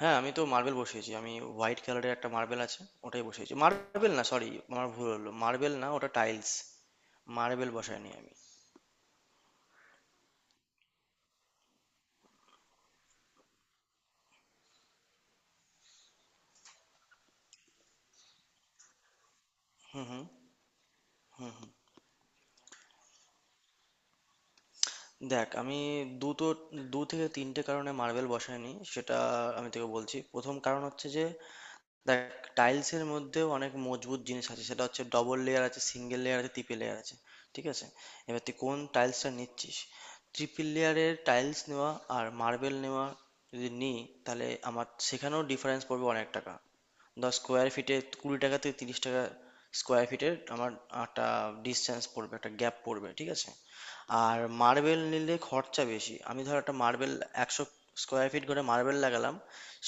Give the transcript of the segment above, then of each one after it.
হ্যাঁ, আমি তো মার্বেল বসিয়েছি। আমি হোয়াইট কালারের একটা মার্বেল আছে, ওটাই বসিয়েছি। মার্বেল না, সরি, আমার ভুল হলো। মার্বেল না, ওটা টাইলস। মার্বেল বসাইনি আমি। হুম হুম। দেখ, আমি দুটো দু থেকে তিনটে কারণে মার্বেল বসাইনি, সেটা আমি তোকে বলছি। প্রথম কারণ হচ্ছে যে দেখ, টাইলস এর মধ্যেও অনেক মজবুত জিনিস আছে, সেটা হচ্ছে ডবল লেয়ার আছে, সিঙ্গেল লেয়ার আছে, ট্রিপল লেয়ার আছে, ঠিক আছে? এবার তুই কোন টাইলসটা নিচ্ছিস? ট্রিপল লেয়ারের টাইলস নেওয়া আর মার্বেল নেওয়া, যদি নিই, তাহলে আমার সেখানেও ডিফারেন্স পড়বে অনেক টাকা। ১০ স্কোয়ার ফিটে ২০ টাকা থেকে ৩০ টাকা স্কোয়ার ফিটের আমার একটা ডিসটেন্স পড়বে, একটা গ্যাপ পড়বে, ঠিক আছে? আর মার্বেল নিলে খরচা বেশি। আমি ধর একটা মার্বেল ১০০ স্কোয়ার ফিট করে মার্বেল লাগালাম,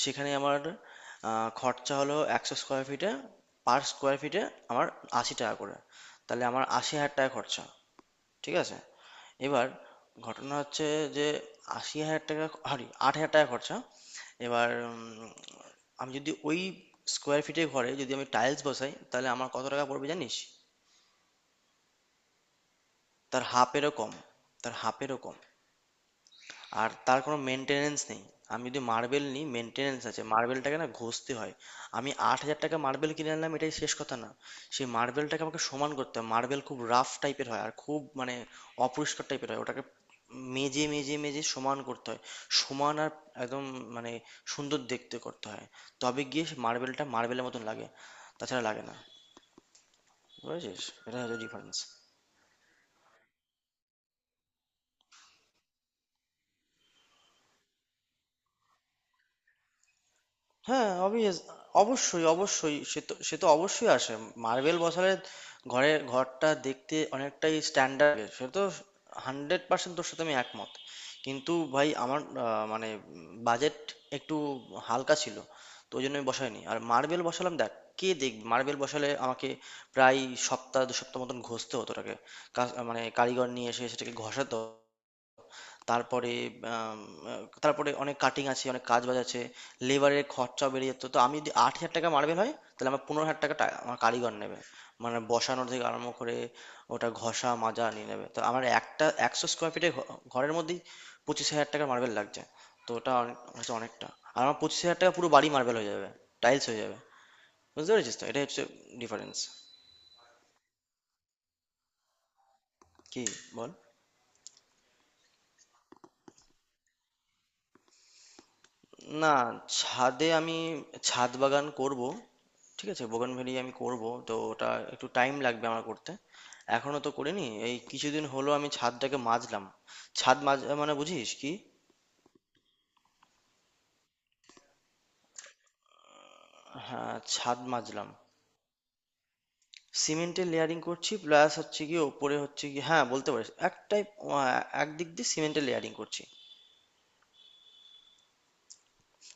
সেখানে আমার খরচা হলো ১০০ স্কোয়ার ফিটে, পার স্কোয়ার ফিটে আমার ৮০ টাকা করে, তাহলে আমার ৮০,০০০ টাকা খরচা। ঠিক আছে? এবার ঘটনা হচ্ছে যে ৳৮০,০০০ সরি ৳৮,০০০ খরচা। এবার আমি যদি ওই স্কোয়ার ফিটের ঘরে যদি আমি টাইলস বসাই তাহলে আমার কত টাকা পড়বে জানিস? তার হাফ এরও কম, তার হাফ এরও কম। আর তার কোনো মেনটেনেন্স নেই। আমি যদি মার্বেল নিই মেনটেনেন্স আছে, মার্বেলটাকে না ঘষতে হয়। আমি ৮,০০০ টাকা মার্বেল কিনে আনলাম, এটাই শেষ কথা না। সেই মার্বেলটাকে আমাকে সমান করতে হয়। মার্বেল খুব রাফ টাইপের হয় আর খুব মানে অপরিষ্কার টাইপের হয়, ওটাকে মেজে মেজে মেজে সমান করতে হয়, সমান আর একদম মানে সুন্দর দেখতে করতে হয়, তবে গিয়ে সে মার্বেলটা মার্বেলের মতন লাগে, তাছাড়া লাগে না। বুঝেছিস, এটা হচ্ছে ডিফারেন্স। হ্যাঁ অবভিয়াস, অবশ্যই অবশ্যই, সে তো অবশ্যই আসে। মার্বেল বসালে ঘরের, ঘরটা দেখতে অনেকটাই স্ট্যান্ডার্ড, সে তো হান্ড্রেড পার্সেন্ট তোর সাথে আমি একমত। কিন্তু ভাই আমার মানে বাজেট একটু হালকা ছিল, তো ওই জন্য আমি বসাইনি। আর মার্বেল বসালাম দেখ, কে দেখবে? মার্বেল বসালে আমাকে প্রায় সপ্তাহ দু সপ্তাহ মতন ঘষতে হতো ওটাকে। মানে কারিগর নিয়ে এসে সেটাকে ঘষাতো। তারপরে আম, তারপরে অনেক কাটিং আছে, অনেক কাজ বাজ আছে, লেবারের খরচা বেড়ে যেত। তো আমি যদি ৮,০০০ টাকা মার্বেল হয় তাহলে আমার ১৫,০০০ টাকা আমার কারিগর নেবে, মানে বসানো থেকে আরম্ভ করে ওটা ঘষা মাজা নিয়ে নেবে। তো আমার একটা ১০০ স্কোয়ার ফিটের ঘরের মধ্যেই ২৫,০০০ টাকার মার্বেল লাগছে, তো ওটা অনেক হচ্ছে, অনেকটা। আর আমার ২৫,০০০ টাকা পুরো বাড়ি মার্বেল হয়ে যাবে, টাইলস হয়ে যাবে। বুঝতে পেরেছিস তো, এটাই হচ্ছে ডিফারেন্স। কি বল? না, ছাদে আমি ছাদ বাগান করব। ঠিক আছে? বোগানভেলিয়া আমি করব। তো ওটা একটু টাইম লাগবে আমার করতে। এখনো তো করিনি। এই কিছুদিন হলো আমি ছাদটাকে মাজলাম। ছাদ মাজা মানে বুঝিস কি? হ্যাঁ, ছাদ মাজলাম। সিমেন্টের লেয়ারিং করছি, প্লাস হচ্ছে গিয়ে ওপরে হচ্ছে গিয়ে হ্যাঁ, বলতে পারিস। একটাই আ একদিক দিয়ে সিমেন্টের লেয়ারিং করছি।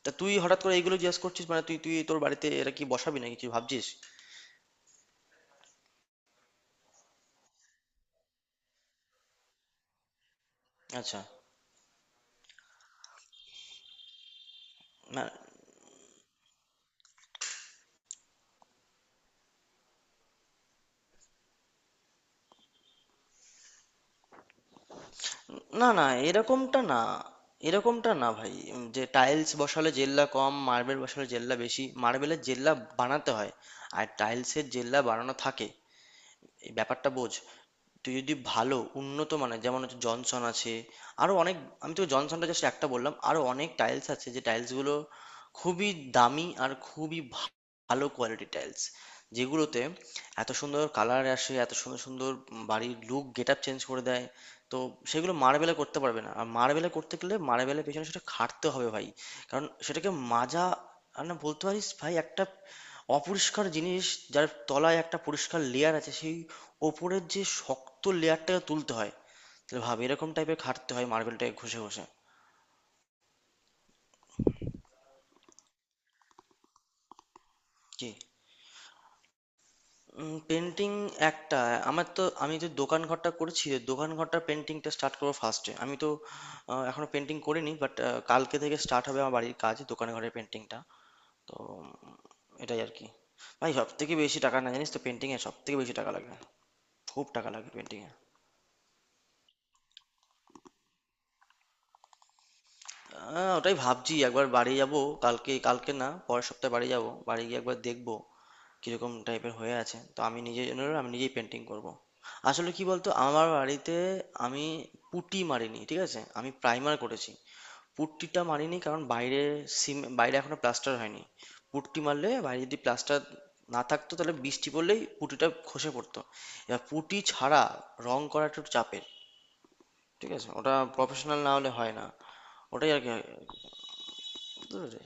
তা তুই হঠাৎ করে এইগুলো জিজ্ঞেস করছিস মানে তুই তুই তোর বাড়িতে এটা কি বসাবি নাকি কিছু ভাবছিস? আচ্ছা, না না না, এরকমটা না, এরকমটা না ভাই। যে টাইলস বসালে জেল্লা কম, মার্বেল বসালে জেল্লা বেশি, মার্বেলের জেল্লা বানাতে হয় আর টাইলসের জেল্লা বানানো থাকে। এই ব্যাপারটা বোঝ। তুই যদি ভালো উন্নত মানের, যেমন হচ্ছে জনসন আছে, আরো অনেক, আমি তোকে জনসনটা জাস্ট একটা বললাম, আরো অনেক টাইলস আছে যে টাইলস গুলো খুবই দামি আর খুবই ভালো কোয়ালিটি টাইলস, যেগুলোতে এত সুন্দর কালার আসে, এত সুন্দর সুন্দর, বাড়ির লুক গেট আপ চেঞ্জ করে দেয়। তো সেগুলো মার্বেলে করতে পারবে না, আর মার্বেলে করতে গেলে মার্বেলের পেছনে সেটা খাটতে হবে ভাই। কারণ সেটাকে মাজা আর না, বলতে পারিস ভাই, একটা অপরিষ্কার জিনিস, যার তলায় একটা পরিষ্কার লেয়ার আছে, সেই ওপরের যে শক্ত লেয়ারটাকে তুলতে হয়। তাহলে ভাব, এরকম টাইপের খাটতে হয় মার্বেলটাকে ঘষে ঘষে। জি। পেন্টিং, একটা, আমার তো, আমি তো দোকান ঘরটা করেছি, দোকান ঘরটার পেন্টিংটা স্টার্ট করবো ফার্স্টে। আমি তো এখনো পেন্টিং করিনি, বাট কালকে থেকে স্টার্ট হবে আমার বাড়ির কাজ, দোকান ঘরের পেন্টিংটা। তো এটাই আর কি। ভাই সব থেকে বেশি টাকা না, জানিস তো, পেন্টিংয়ে সব থেকে বেশি টাকা লাগবে। খুব টাকা লাগবে পেন্টিংয়ে। আহ, ওটাই ভাবছি, একবার বাড়ি যাব, কালকে, কালকে না, পরের সপ্তাহে বাড়ি যাব। বাড়ি গিয়ে একবার দেখবো কিরকম টাইপের হয়ে আছে। তো আমি নিজের জন্য আমি নিজেই পেন্টিং করব। আসলে কি বলতো, আমার বাড়িতে আমি পুটি মারিনি, ঠিক আছে, আমি প্রাইমার করেছি। পুট্টিটা মারিনি কারণ বাইরে, বাইরে এখনো প্লাস্টার হয়নি। পুট্টি মারলে বাইরে যদি প্লাস্টার না থাকতো তাহলে বৃষ্টি পড়লেই পুটিটা খসে পড়তো। এবার পুটি ছাড়া রং করাটা একটু চাপের। ঠিক আছে, ওটা প্রফেশনাল না হলে হয় না। ওটাই আর কি। বুঝতে পেরেছো?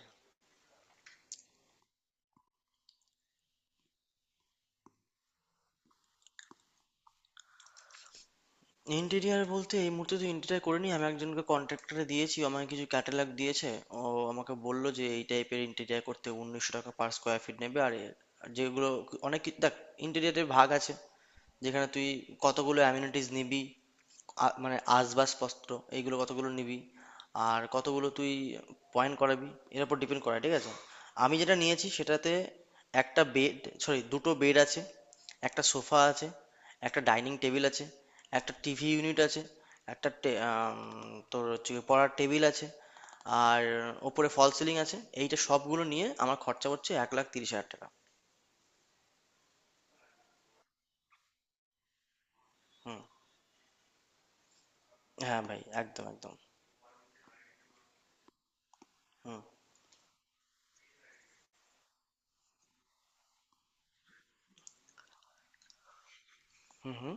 ইন্টেরিয়ার বলতে এই মুহূর্তে তো ইন্টেরিয়ার করিনি, আমি একজনকে কন্ট্রাক্টরে দিয়েছি, ও আমাকে কিছু ক্যাটালগ দিয়েছে। ও আমাকে বললো যে এই টাইপের ইন্টেরিয়ার করতে ১৯০০ টাকা পার স্কোয়ার ফিট নেবে। আর আর যেগুলো অনেক দেখ, ইন্টেরিয়ারের ভাগ আছে, যেখানে তুই কতগুলো অ্যামিনিটিস নিবি, মানে আসবাবপত্র এইগুলো কতগুলো নিবি আর কতগুলো তুই পয়েন্ট করাবি, এর উপর ডিপেন্ড করে, ঠিক আছে? আমি যেটা নিয়েছি সেটাতে একটা বেড, সরি, দুটো বেড আছে, একটা সোফা আছে, একটা ডাইনিং টেবিল আছে, একটা টিভি ইউনিট আছে, একটা তোর হচ্ছে গিয়ে পড়ার টেবিল আছে, আর ওপরে ফল সিলিং আছে, এইটা সবগুলো নিয়ে আমার খরচা পড়ছে ১,৩০,০০০ টাকা। হুম। হ্যাঁ ভাই, একদম একদম। হুম হুম হুম।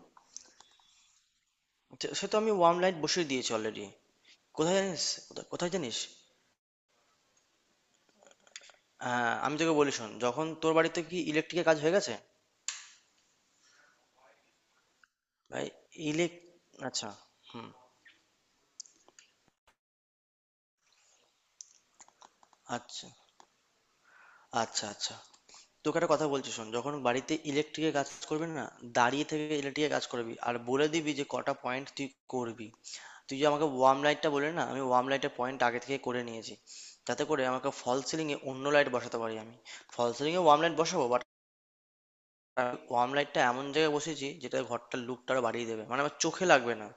তো সে তো আমি ওয়ার্ম লাইট বসিয়ে দিয়েছি অলরেডি। কোথায় জানিস? কোথায় কোথায় জানিস? হ্যাঁ আমি তোকে বলি, শোন, যখন, তোর বাড়িতে কি ইলেকট্রিকের কাজ হয়ে গেছে? ভাই ইলেক আচ্ছা। হুম। আচ্ছা আচ্ছা। আচ্ছা, তোকে একটা কথা বলছি শোন, যখন বাড়িতে ইলেকট্রিকের কাজ করবি না, দাঁড়িয়ে থেকে ইলেকট্রিকের কাজ করবি, আর বলে দিবি যে কটা পয়েন্ট তুই করবি। তুই যে আমাকে ওয়ার্ম লাইটটা বলে না, আমি ওয়ার্ম লাইটের পয়েন্ট আগে থেকে করে নিয়েছি, যাতে করে আমাকে ফল সিলিংয়ে অন্য লাইট বসাতে পারি। আমি ফল সিলিংয়ে ওয়ার্ম লাইট বসাবো, বাট আর ওয়ার্ম লাইটটা এমন জায়গায় বসিয়েছি যেটা ঘরটার লুকটা আরো বাড়িয়ে দেবে, মানে আমার চোখে লাগবে না।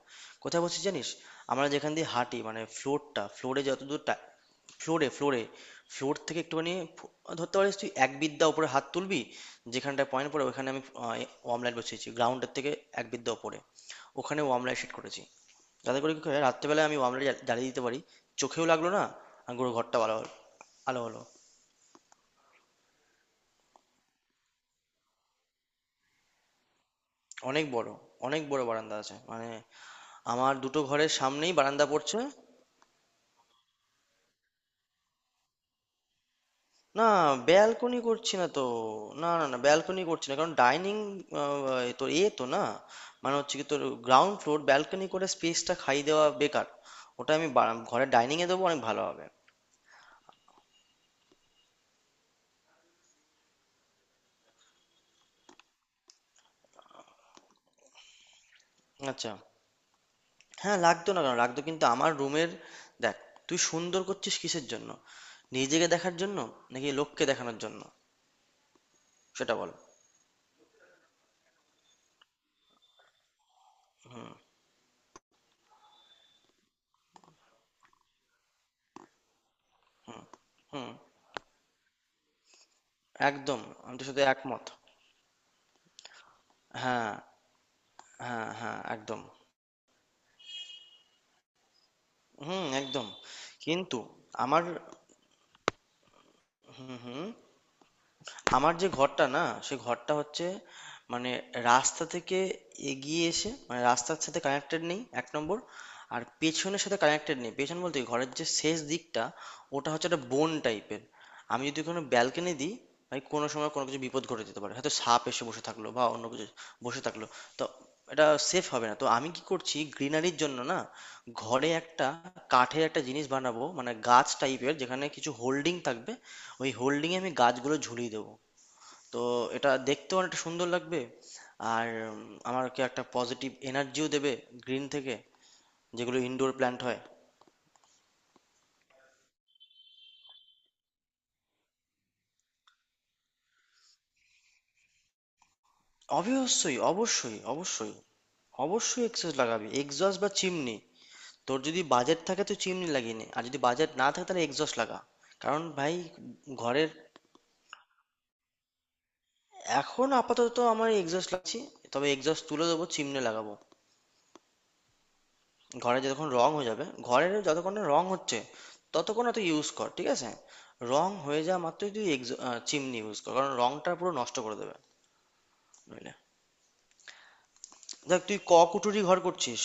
কোথায় বসেছি জানিস? আমরা যেখান দিয়ে হাঁটি, মানে ফ্লোরটা, ফ্লোরে যতদূর, ফ্লোরে ফ্লোরে ফ্লোর থেকে একটুখানি, ফ- ধরতে পারিস তুই এক বিদ্যা উপরে হাত তুলবি, যেখানটায় পয়েন্ট পড়ে, ওখানে আমি ওয়ার্ম লাইট বসিয়েছি, গ্রাউন্ডের থেকে এক বিদ্যা উপরে, ওখানে ওয়ার্ম লাইট সেট করেছি, যাতে করে কি হয়, রাত্রেবেলায় আমি ওয়ার্ম লাইট জ্বালিয়ে দিতে পারি, চোখেও লাগলো না আর পুরো ঘরটা ভালো আলো হলো। অনেক বড়, অনেক বড় বারান্দা আছে, মানে আমার দুটো ঘরের সামনেই বারান্দা পড়ছে। না, ব্যালকনি করছি না তো। না না না, ব্যালকনি করছি না, কারণ ডাইনিং, তোর এ তো না, মানে হচ্ছে কি, তোর গ্রাউন্ড ফ্লোর ব্যালকনি করে স্পেসটা খাই দেওয়া বেকার। ওটা আমি ঘরের ডাইনিং এ দেবো, অনেক ভালো হবে। আচ্ছা, হ্যাঁ লাগতো না কেন, লাগতো। কিন্তু আমার রুমের, দেখ, তুই সুন্দর করছিস কিসের জন্য, নিজেকে দেখার জন্য নাকি লোককে দেখানোর জন্য? সেটা বল। হুম। হুম, একদম, আমি তোর সাথে একমত। হ্যাঁ। হ্যাঁ হ্যাঁ, একদম। হুম, একদম। কিন্তু আমার, হুম, হুম, আমার যে ঘরটা না, সে ঘরটা হচ্ছে মানে রাস্তা থেকে এগিয়ে এসে, মানে রাস্তার সাথে কানেক্টেড নেই, এক নম্বর, আর পেছনের সাথে কানেক্টেড নেই, পেছন বলতে কি, ঘরের যে শেষ দিকটা ওটা হচ্ছে একটা বোন টাইপের। আমি যদি কোনো ব্যালকনি দিই, ভাই কোনো সময় কোনো কিছু বিপদ ঘটে যেতে পারে, হয়তো সাপ এসে বসে থাকলো বা অন্য কিছু বসে থাকলো। তো এটা সেফ হবে না। তো আমি কি করছি, গ্রিনারির জন্য না, ঘরে একটা কাঠের একটা জিনিস বানাবো, মানে গাছ টাইপের যেখানে কিছু হোল্ডিং থাকবে, ওই হোল্ডিংয়ে আমি গাছগুলো ঝুলিয়ে দেবো। তো এটা দেখতেও অনেকটা সুন্দর লাগবে, আর উম, আমাকে একটা পজিটিভ এনার্জিও দেবে গ্রিন থেকে, যেগুলো ইনডোর প্ল্যান্ট হয়। অবশ্যই অবশ্যই অবশ্যই। অবশ্যই এক্সজস্ট লাগাবি, এক্সজস্ট বা চিমনি। তোর যদি বাজেট থাকে তুই চিমনি লাগিয়ে নে, আর যদি বাজেট না থাকে তাহলে এক্সজস্ট লাগা। কারণ ভাই ঘরের, এখন আপাতত আমার এক্সজস্ট লাগছি, তবে এক্সজস্ট তুলে দেবো, চিমনি লাগাবো। ঘরে যতক্ষণ রং হয়ে যাবে, ঘরের যতক্ষণ না রং হচ্ছে ততক্ষণ না তুই ইউজ কর, ঠিক আছে? রং হয়ে যাওয়া মাত্রই তুই চিমনি ইউজ কর, কারণ রংটা পুরো নষ্ট করে দেবে। বুঝলে? দেখ তুই ক কুটুরি ঘর করছিস।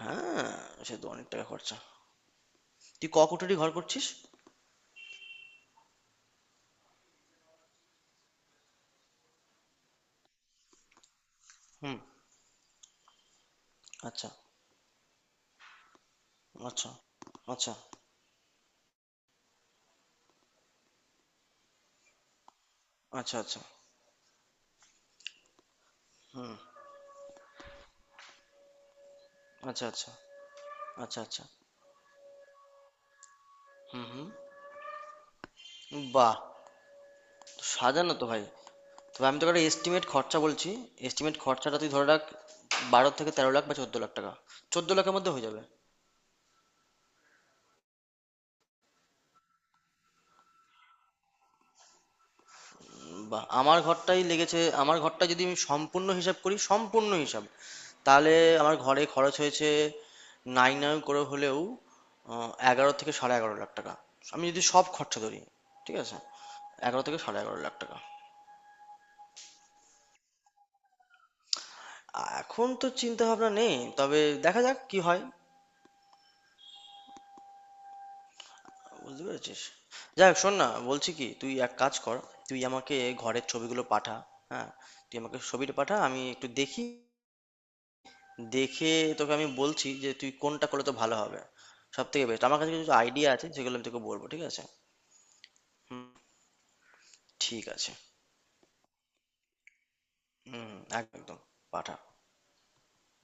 হ্যাঁ, সে তো অনেক টাকা খরচা। তুই ক কুটুরি ঘর করছিস? হুম। আচ্ছা আচ্ছা। আচ্ছা আচ্ছা আচ্ছা। হুম। আচ্ছা আচ্ছা। আচ্ছা আচ্ছা। হুম হুম। বাহ, সাজানো তো ভাই। তবে আমি তোকে একটা এস্টিমেট খরচা বলছি, এস্টিমেট খরচাটা তুই ধরে রাখ, ১২ থেকে ১৩ লাখ বা ১৪ লাখ টাকা, ১৪ লাখের মধ্যে হয়ে যাবে। বা আমার ঘরটাই লেগেছে, আমার ঘরটা যদি আমি সম্পূর্ণ হিসাব করি, সম্পূর্ণ হিসাব, তাহলে আমার ঘরে খরচ হয়েছে নাই নাই করে হলেও ১১ থেকে সাড়ে ১১ লাখ টাকা, আমি যদি সব খরচা ধরি। ঠিক আছে, ১১ থেকে সাড়ে ১১ লাখ টাকা। এখন তো চিন্তা ভাবনা নেই, তবে দেখা যাক কি হয়। বুঝতে পেরেছিস? যাই হোক, শোন না, বলছি কি, তুই এক কাজ কর, তুই আমাকে ঘরের ছবিগুলো পাঠা। হ্যাঁ, তুই আমাকে ছবিটা পাঠা, আমি একটু দেখি, দেখে তোকে আমি বলছি যে তুই কোনটা করলে তো ভালো হবে, সব থেকে বেস্ট। আমার কাছে কিছু আইডিয়া আছে, সেগুলো আমি তোকে বলবো, ঠিক আছে? হুম। ঠিক আছে। হুম, একদম একদম, পাঠা।